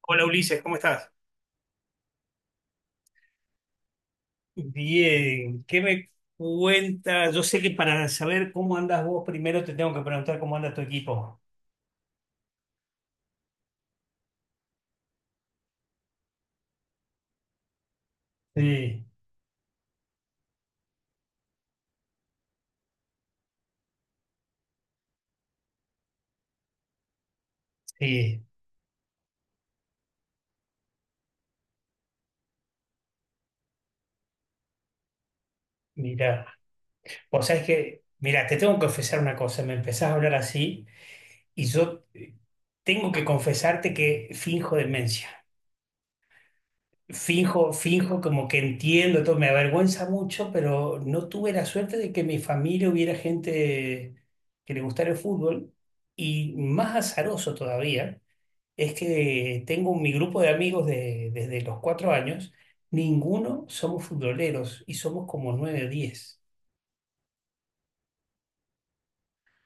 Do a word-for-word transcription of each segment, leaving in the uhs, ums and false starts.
Hola Ulises, ¿cómo estás? Bien, ¿qué me cuentas? Yo sé que para saber cómo andas vos, primero te tengo que preguntar cómo anda tu equipo. Sí, sí, mira, vos sabés que, mira, te tengo que confesar una cosa, me empezás a hablar así y yo eh, tengo que confesarte que finjo demencia, finjo, finjo como que entiendo todo, me avergüenza mucho, pero no tuve la suerte de que en mi familia hubiera gente que le gustara el fútbol y más azaroso todavía. Es que tengo mi grupo de amigos de- desde los cuatro años, ninguno somos futboleros y somos como nueve o diez.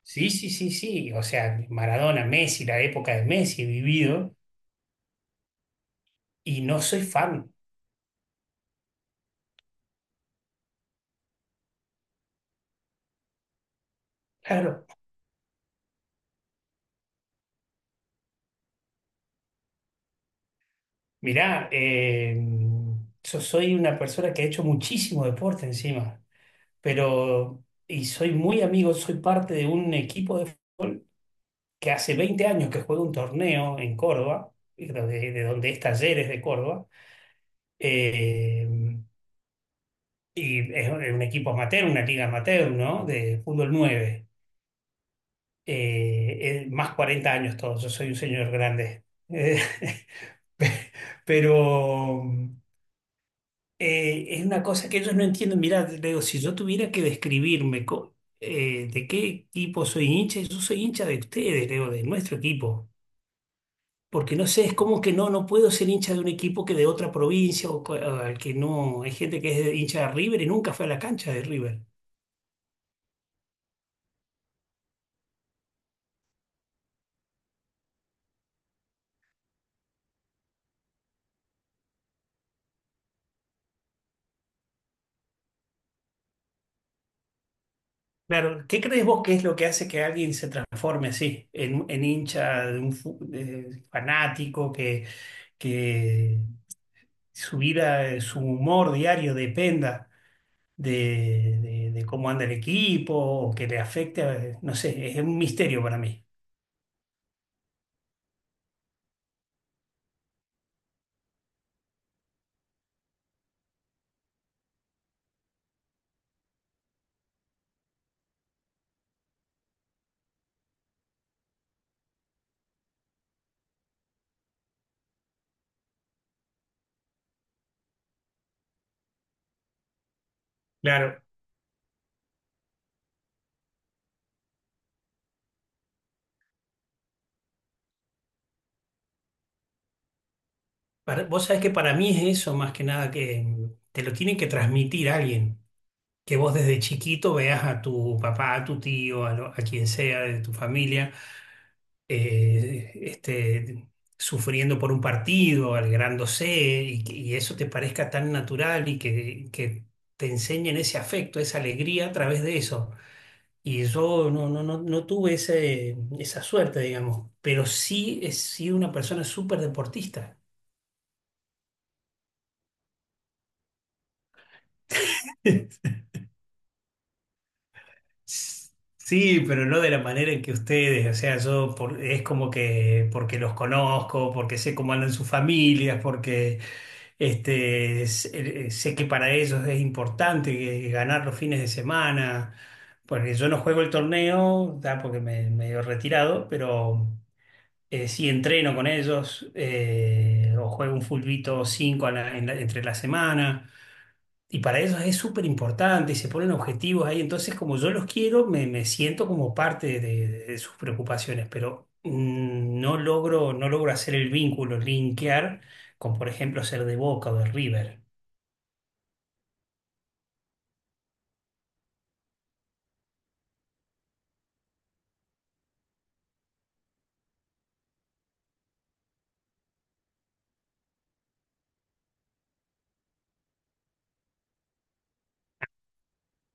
Sí, sí, sí, sí. O sea, Maradona, Messi, la época de Messi he vivido y no soy fan. Claro. Mirá, eh, yo soy una persona que ha hecho muchísimo deporte encima, pero y soy muy amigo, soy parte de un equipo de- que hace veinte años que juega un torneo en Córdoba, de, de donde es Talleres de Córdoba. Eh, y es un equipo amateur, una liga amateur, ¿no? De fútbol nueve. Eh, eh, más cuarenta años todos, yo soy un señor grande. Eh, pero eh, es una cosa que ellos no entienden. Mirá, le digo, si yo tuviera que describirme co- eh, de qué equipo soy hincha, yo soy hincha de ustedes, le digo, de nuestro equipo. Porque no sé, es como que no, no puedo ser hincha de un equipo que de otra provincia o co- al que no. Hay gente que es hincha de River y nunca fue a la cancha de River. Claro, ¿qué crees vos que es lo que hace que alguien se transforme así, en, en hincha, de un fu- de fanático, que, que su vida, eh, su humor diario dependa de, de- de cómo anda el equipo o que le afecte? eh, No sé, es un misterio para mí. Claro, para- vos sabés que para mí es eso más que nada que mm, te lo tiene que transmitir alguien, que vos desde chiquito veas a tu papá, a tu tío, a, lo- a quien sea de tu familia. eh, este, Sufriendo por un partido, alegrándose, y, que- y eso te parezca tan natural y que, que te enseñen ese afecto, esa alegría a través de eso. Y yo no, no, no, no tuve ese, esa suerte, digamos, pero sí he sido una persona súper deportista. Sí, pero no de la manera en que ustedes, o sea, yo por- es como que porque los conozco, porque sé cómo andan sus familias, porque este, sé, sé que para ellos es importante eh, ganar los fines de semana, porque yo no juego el torneo, ya porque me medio retirado, pero eh, sí entreno con ellos eh, o juego un fulbito cinco entre la semana. Y para ellos es súper importante y se ponen objetivos ahí. Entonces, como yo los quiero, me, me siento como parte de, de sus preocupaciones, pero mm, no logro, no logro hacer el vínculo, linkear con, por ejemplo, ser de Boca o de River.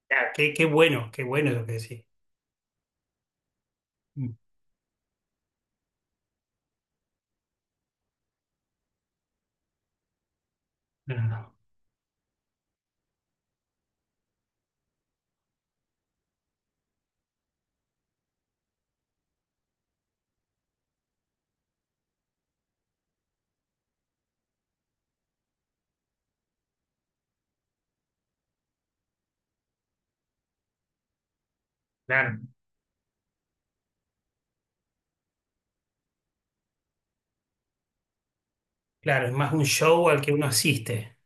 Ah, qué, qué bueno, qué bueno lo que decís. Mm, no, no, claro, claro, es más un show al que uno asiste.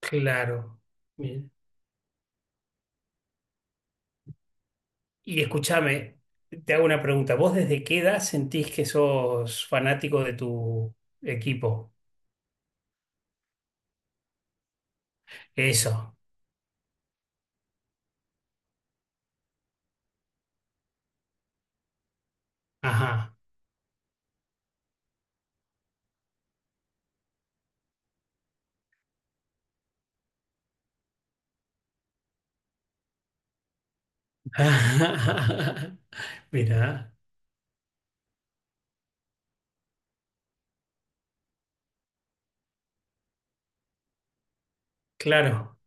Claro. Bien. Y escúchame, te hago una pregunta. ¿Vos desde qué edad sentís que sos fanático de tu equipo? Eso. Ajá. Mirá, claro,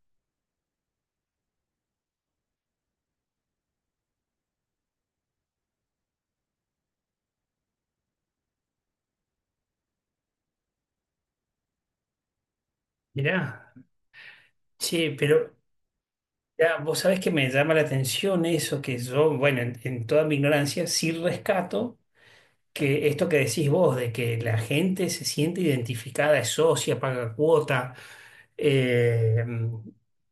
mirá. Che, pero ya, vos sabés que me llama la atención eso que yo, bueno, en, en toda mi ignorancia, sí rescato que esto que decís vos, de que la gente se siente identificada, es socia, paga cuota, eh,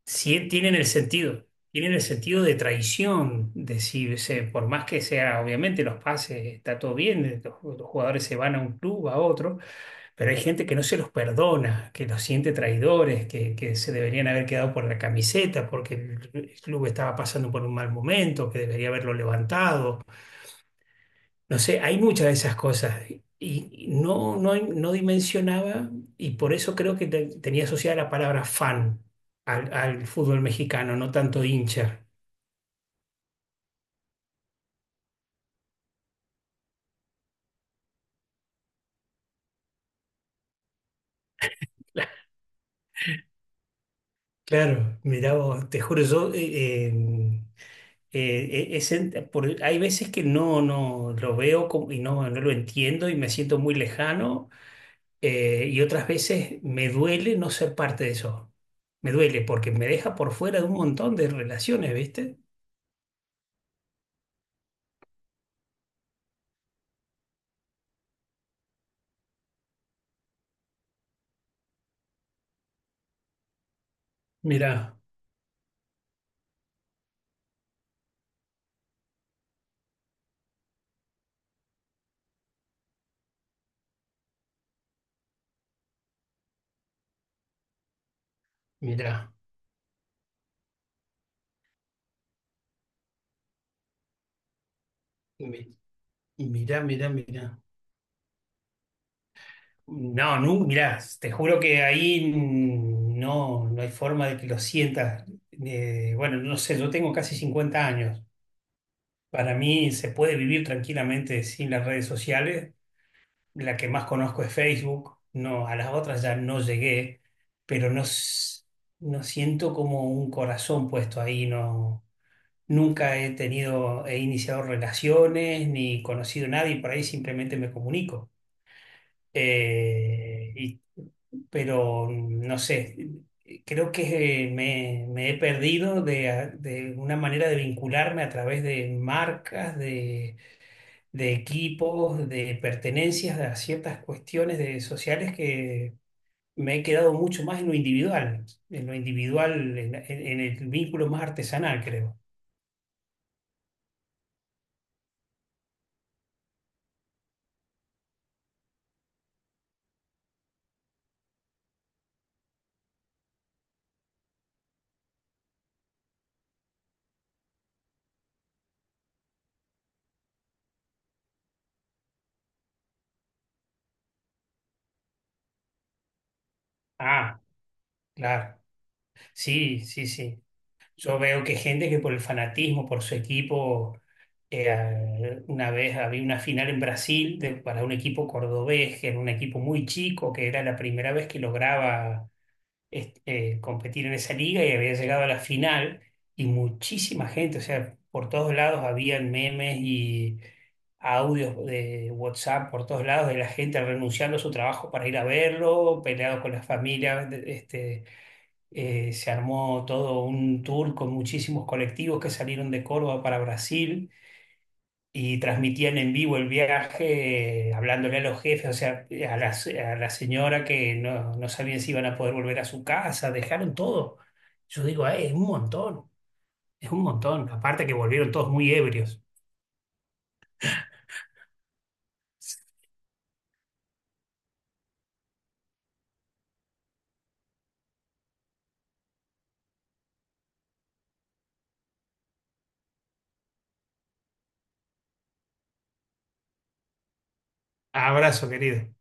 sí tienen el sentido, tienen el sentido de traición, de si se- por más que sea, obviamente los pases está todo bien, los los jugadores se van a un club, a otro. Pero hay gente que no se los perdona, que los siente traidores, que, que se deberían haber quedado por la camiseta porque el, el club estaba pasando por un mal momento, que debería haberlo levantado. No sé, hay muchas de esas cosas. Y y no, no, no dimensionaba, y por eso creo que te- tenía asociada la palabra fan al, al fútbol mexicano, no tanto hincha. Claro, mirá vos, te juro, yo eh, eh, Eh, e- es en- por- hay veces que no, no lo veo como- y no, no lo entiendo y me siento muy lejano eh, y otras veces me duele no ser parte de eso. Me duele porque me deja por fuera de un montón de relaciones, ¿viste? Mirá, mirá, mi- mirá, mirá, mirá. No, no, mirá, te juro que ahí no, no hay forma de que lo sientas. Eh, bueno, no sé, yo tengo casi cincuenta años. Para mí se puede vivir tranquilamente sin las redes sociales. La que más conozco es Facebook. No, a las otras ya no llegué, pero no, s- no siento como un corazón puesto ahí. No, nunca he tenido, he iniciado relaciones ni conocido a nadie, por ahí simplemente me comunico. Eh, y- pero no sé, creo que me, me he perdido de, de una manera de vincularme a través de marcas, de equipos, de pertenencias a ciertas cuestiones de, sociales que me he quedado mucho más en lo individual, en lo individual, en, en- en el vínculo más artesanal, creo. Ah, claro. Sí, sí, sí. Yo veo que gente que por el fanatismo, por su equipo, eh, una vez había una final en Brasil de- para un equipo cordobés, que era un equipo muy chico, que era la primera vez que lograba est- eh, competir en esa liga y había llegado a la final y muchísima gente, o sea, por todos lados habían memes y audios de WhatsApp por todos lados de la gente renunciando a su trabajo para ir a verlo, peleado con las familias, de- este, eh, se armó todo un tour con muchísimos colectivos que salieron de Córdoba para Brasil y transmitían en vivo el viaje, eh, hablándole a los jefes, o sea, a la, se- a la señora que no, no sabían si iban a poder volver a su casa, dejaron todo. Yo digo, "Ay, es un montón, es un montón". Aparte que volvieron todos muy ebrios. Abrazo, querido.